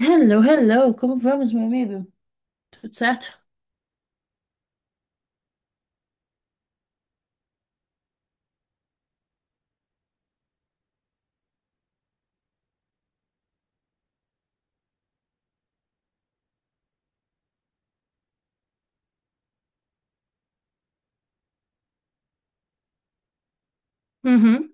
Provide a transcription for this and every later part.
Hello, hello, como vamos, meu amigo? Tudo certo? Uhum.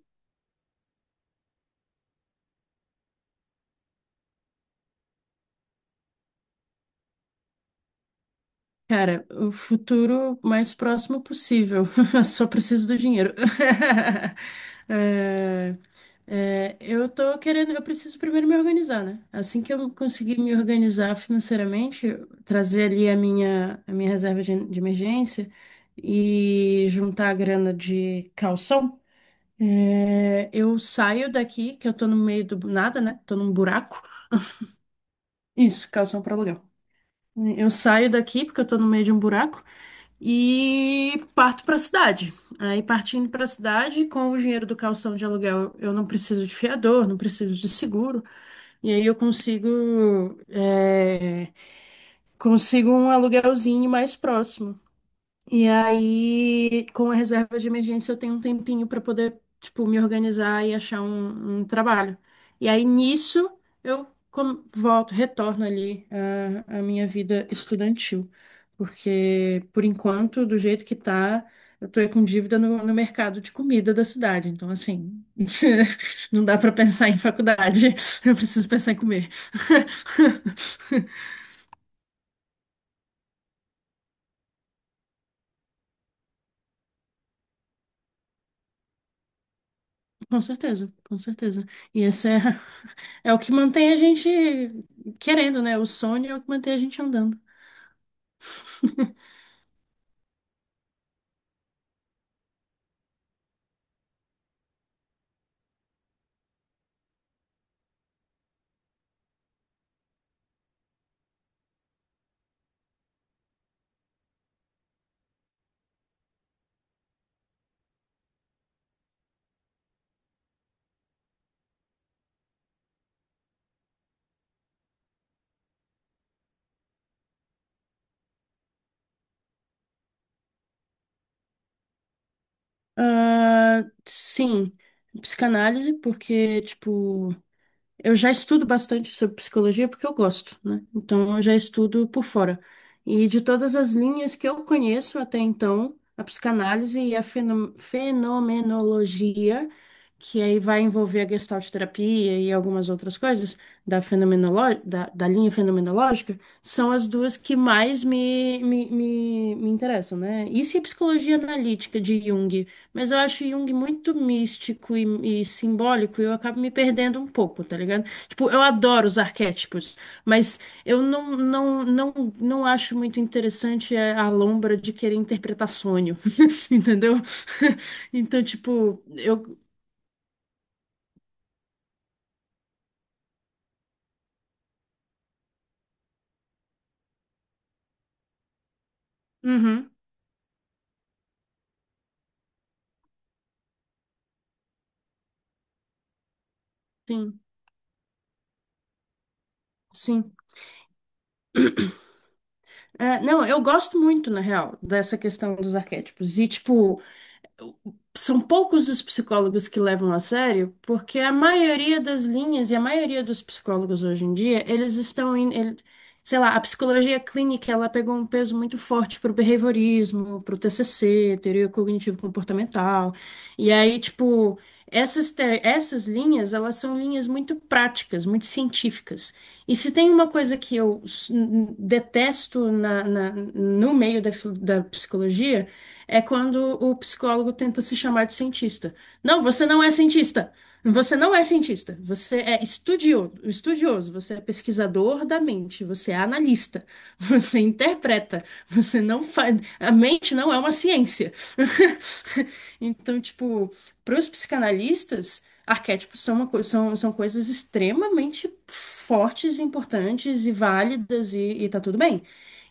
Cara, o futuro mais próximo possível. Só preciso do dinheiro. É, eu tô querendo, eu preciso primeiro me organizar, né? Assim que eu conseguir me organizar financeiramente, trazer ali a minha reserva de emergência e juntar a grana de calção, eu saio daqui, que eu tô no meio do nada, né? Tô num buraco. Isso, calção para aluguel. Eu saio daqui porque eu tô no meio de um buraco e parto pra cidade. Aí partindo pra cidade, com o dinheiro do calção de aluguel, eu não preciso de fiador, não preciso de seguro. E aí eu consigo, consigo um aluguelzinho mais próximo. E aí, com a reserva de emergência, eu tenho um tempinho para poder, tipo, me organizar e achar um trabalho. E aí, nisso, volto, retorno ali à minha vida estudantil. Porque, por enquanto, do jeito que tá, eu tô com dívida no mercado de comida da cidade. Então, assim, não dá para pensar em faculdade. Eu preciso pensar em comer. Com certeza, com certeza. E essa é, é o que mantém a gente querendo, né? O sonho é o que mantém a gente andando. Ah, sim, psicanálise, porque, tipo. Eu já estudo bastante sobre psicologia porque eu gosto, né? Então eu já estudo por fora. E de todas as linhas que eu conheço até então, a psicanálise e a fenomenologia, que aí vai envolver a gestalt terapia e algumas outras coisas da, da linha fenomenológica, são as duas que mais me interessam, né? Isso e a psicologia analítica de Jung. Mas eu acho Jung muito místico e simbólico e eu acabo me perdendo um pouco, tá ligado? Tipo, eu adoro os arquétipos, mas eu não, não acho muito interessante é, a lombra de querer interpretar sonho, entendeu? Então, tipo, eu... Uhum, sim, sim. É, não, eu gosto muito, na real, dessa questão dos arquétipos. E, tipo, são poucos os psicólogos que levam a sério, porque a maioria das linhas e a maioria dos psicólogos hoje em dia, eles estão indo sei lá, a psicologia clínica, ela pegou um peso muito forte pro behaviorismo, pro TCC, teoria cognitivo-comportamental. E aí, tipo, essas linhas, elas são linhas muito práticas, muito científicas. E se tem uma coisa que eu detesto no meio da, da psicologia, é quando o psicólogo tenta se chamar de cientista. Não, você não é cientista. Você não é cientista, você é estudioso, você é pesquisador da mente, você é analista, você interpreta, você não faz. A mente não é uma ciência. Então, tipo, para os psicanalistas, arquétipos são, são, são coisas extremamente fortes, importantes e válidas, e tá tudo bem.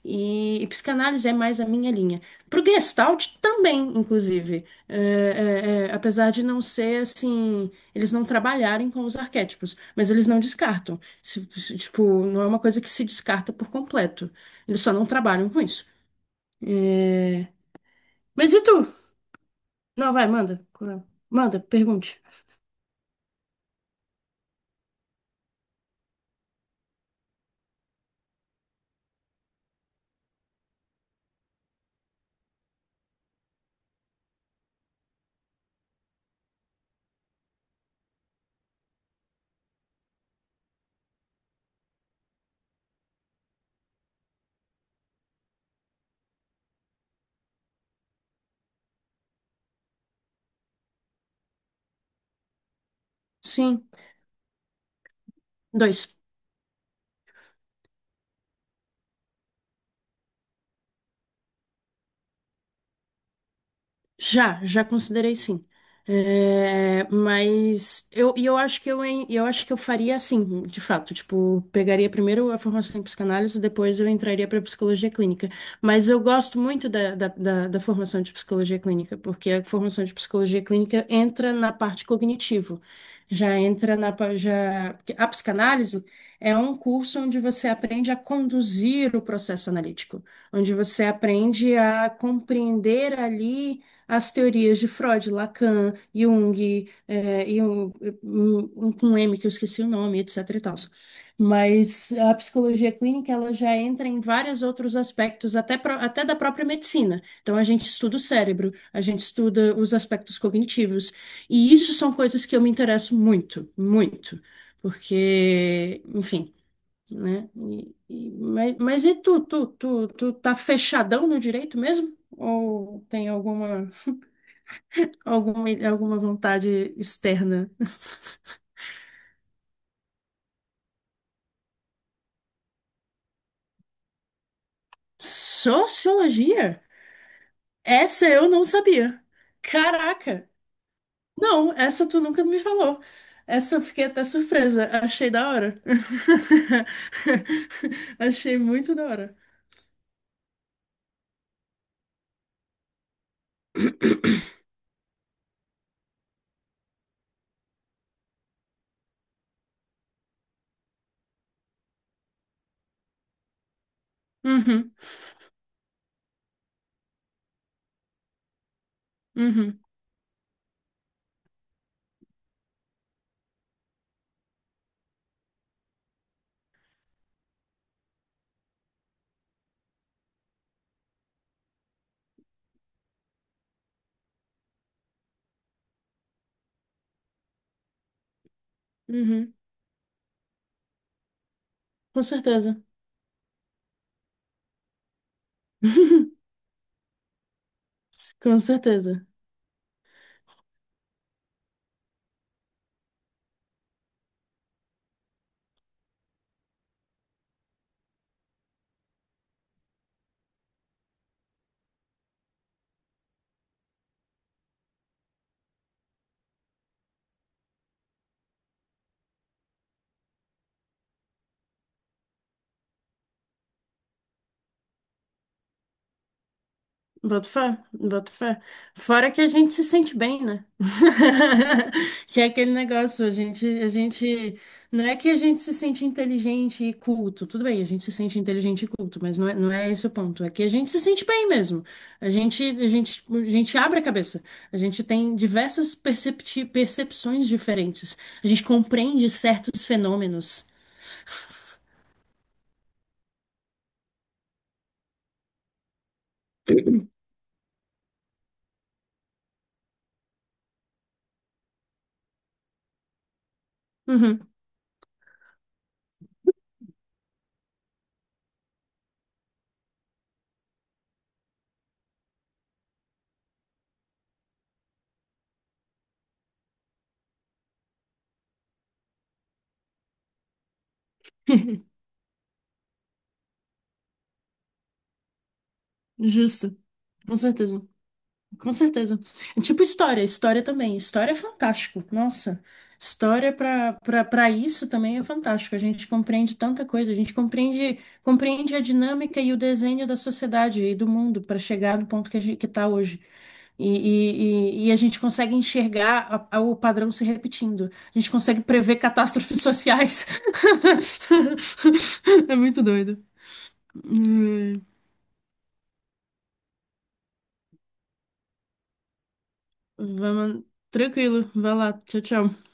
E psicanálise é mais a minha linha. Pro Gestalt também, inclusive. É, apesar de não ser assim, eles não trabalharem com os arquétipos, mas eles não descartam. Tipo, não é uma coisa que se descarta por completo. Eles só não trabalham com isso. Mas e tu? Não, vai, manda. Coral. Manda, pergunte. Sim, dois. Já, já considerei sim. É, mas eu, e eu acho que eu acho que eu faria assim, de fato, tipo, pegaria primeiro a formação em psicanálise, depois eu entraria para psicologia clínica. Mas eu gosto muito da formação de psicologia clínica, porque a formação de psicologia clínica entra na parte cognitivo, já entra na já, porque a psicanálise é um curso onde você aprende a conduzir o processo analítico, onde você aprende a compreender ali as teorias de Freud, Lacan, Jung, e um, um com M que eu esqueci o nome, etc e tals. Mas a psicologia clínica, ela já entra em vários outros aspectos, até, até da própria medicina. Então, a gente estuda o cérebro, a gente estuda os aspectos cognitivos. E isso são coisas que eu me interesso muito, muito. Porque, enfim, né? Mas e tu, tu tá fechadão no direito mesmo? Ou tem alguma... Alguma, alguma vontade externa. Sociologia? Essa eu não sabia. Caraca! Não, essa tu nunca me falou. Essa eu fiquei até surpresa. Achei da hora. Achei muito da hora. Uhum, uhum, uhum. Com certeza. Com certeza. Boto fé, boto fé. Fora que a gente se sente bem, né? Que é aquele negócio, a gente, não é que a gente se sente inteligente e culto, tudo bem, a gente se sente inteligente e culto, mas não é, não é esse o ponto, é que a gente se sente bem mesmo. A gente abre a cabeça, a gente tem diversas percepções diferentes, a gente compreende certos fenômenos. Uhum. Justo, com certeza. Com certeza. É tipo história, história também. História é fantástico. Nossa, história para isso também é fantástico. A gente compreende tanta coisa, a gente compreende a dinâmica e o desenho da sociedade e do mundo para chegar no ponto que a gente que está hoje. E, e a gente consegue enxergar o padrão se repetindo. A gente consegue prever catástrofes sociais. É muito doido. Hum, Vamos, tranquilo, vai lá. Tchau, tchau.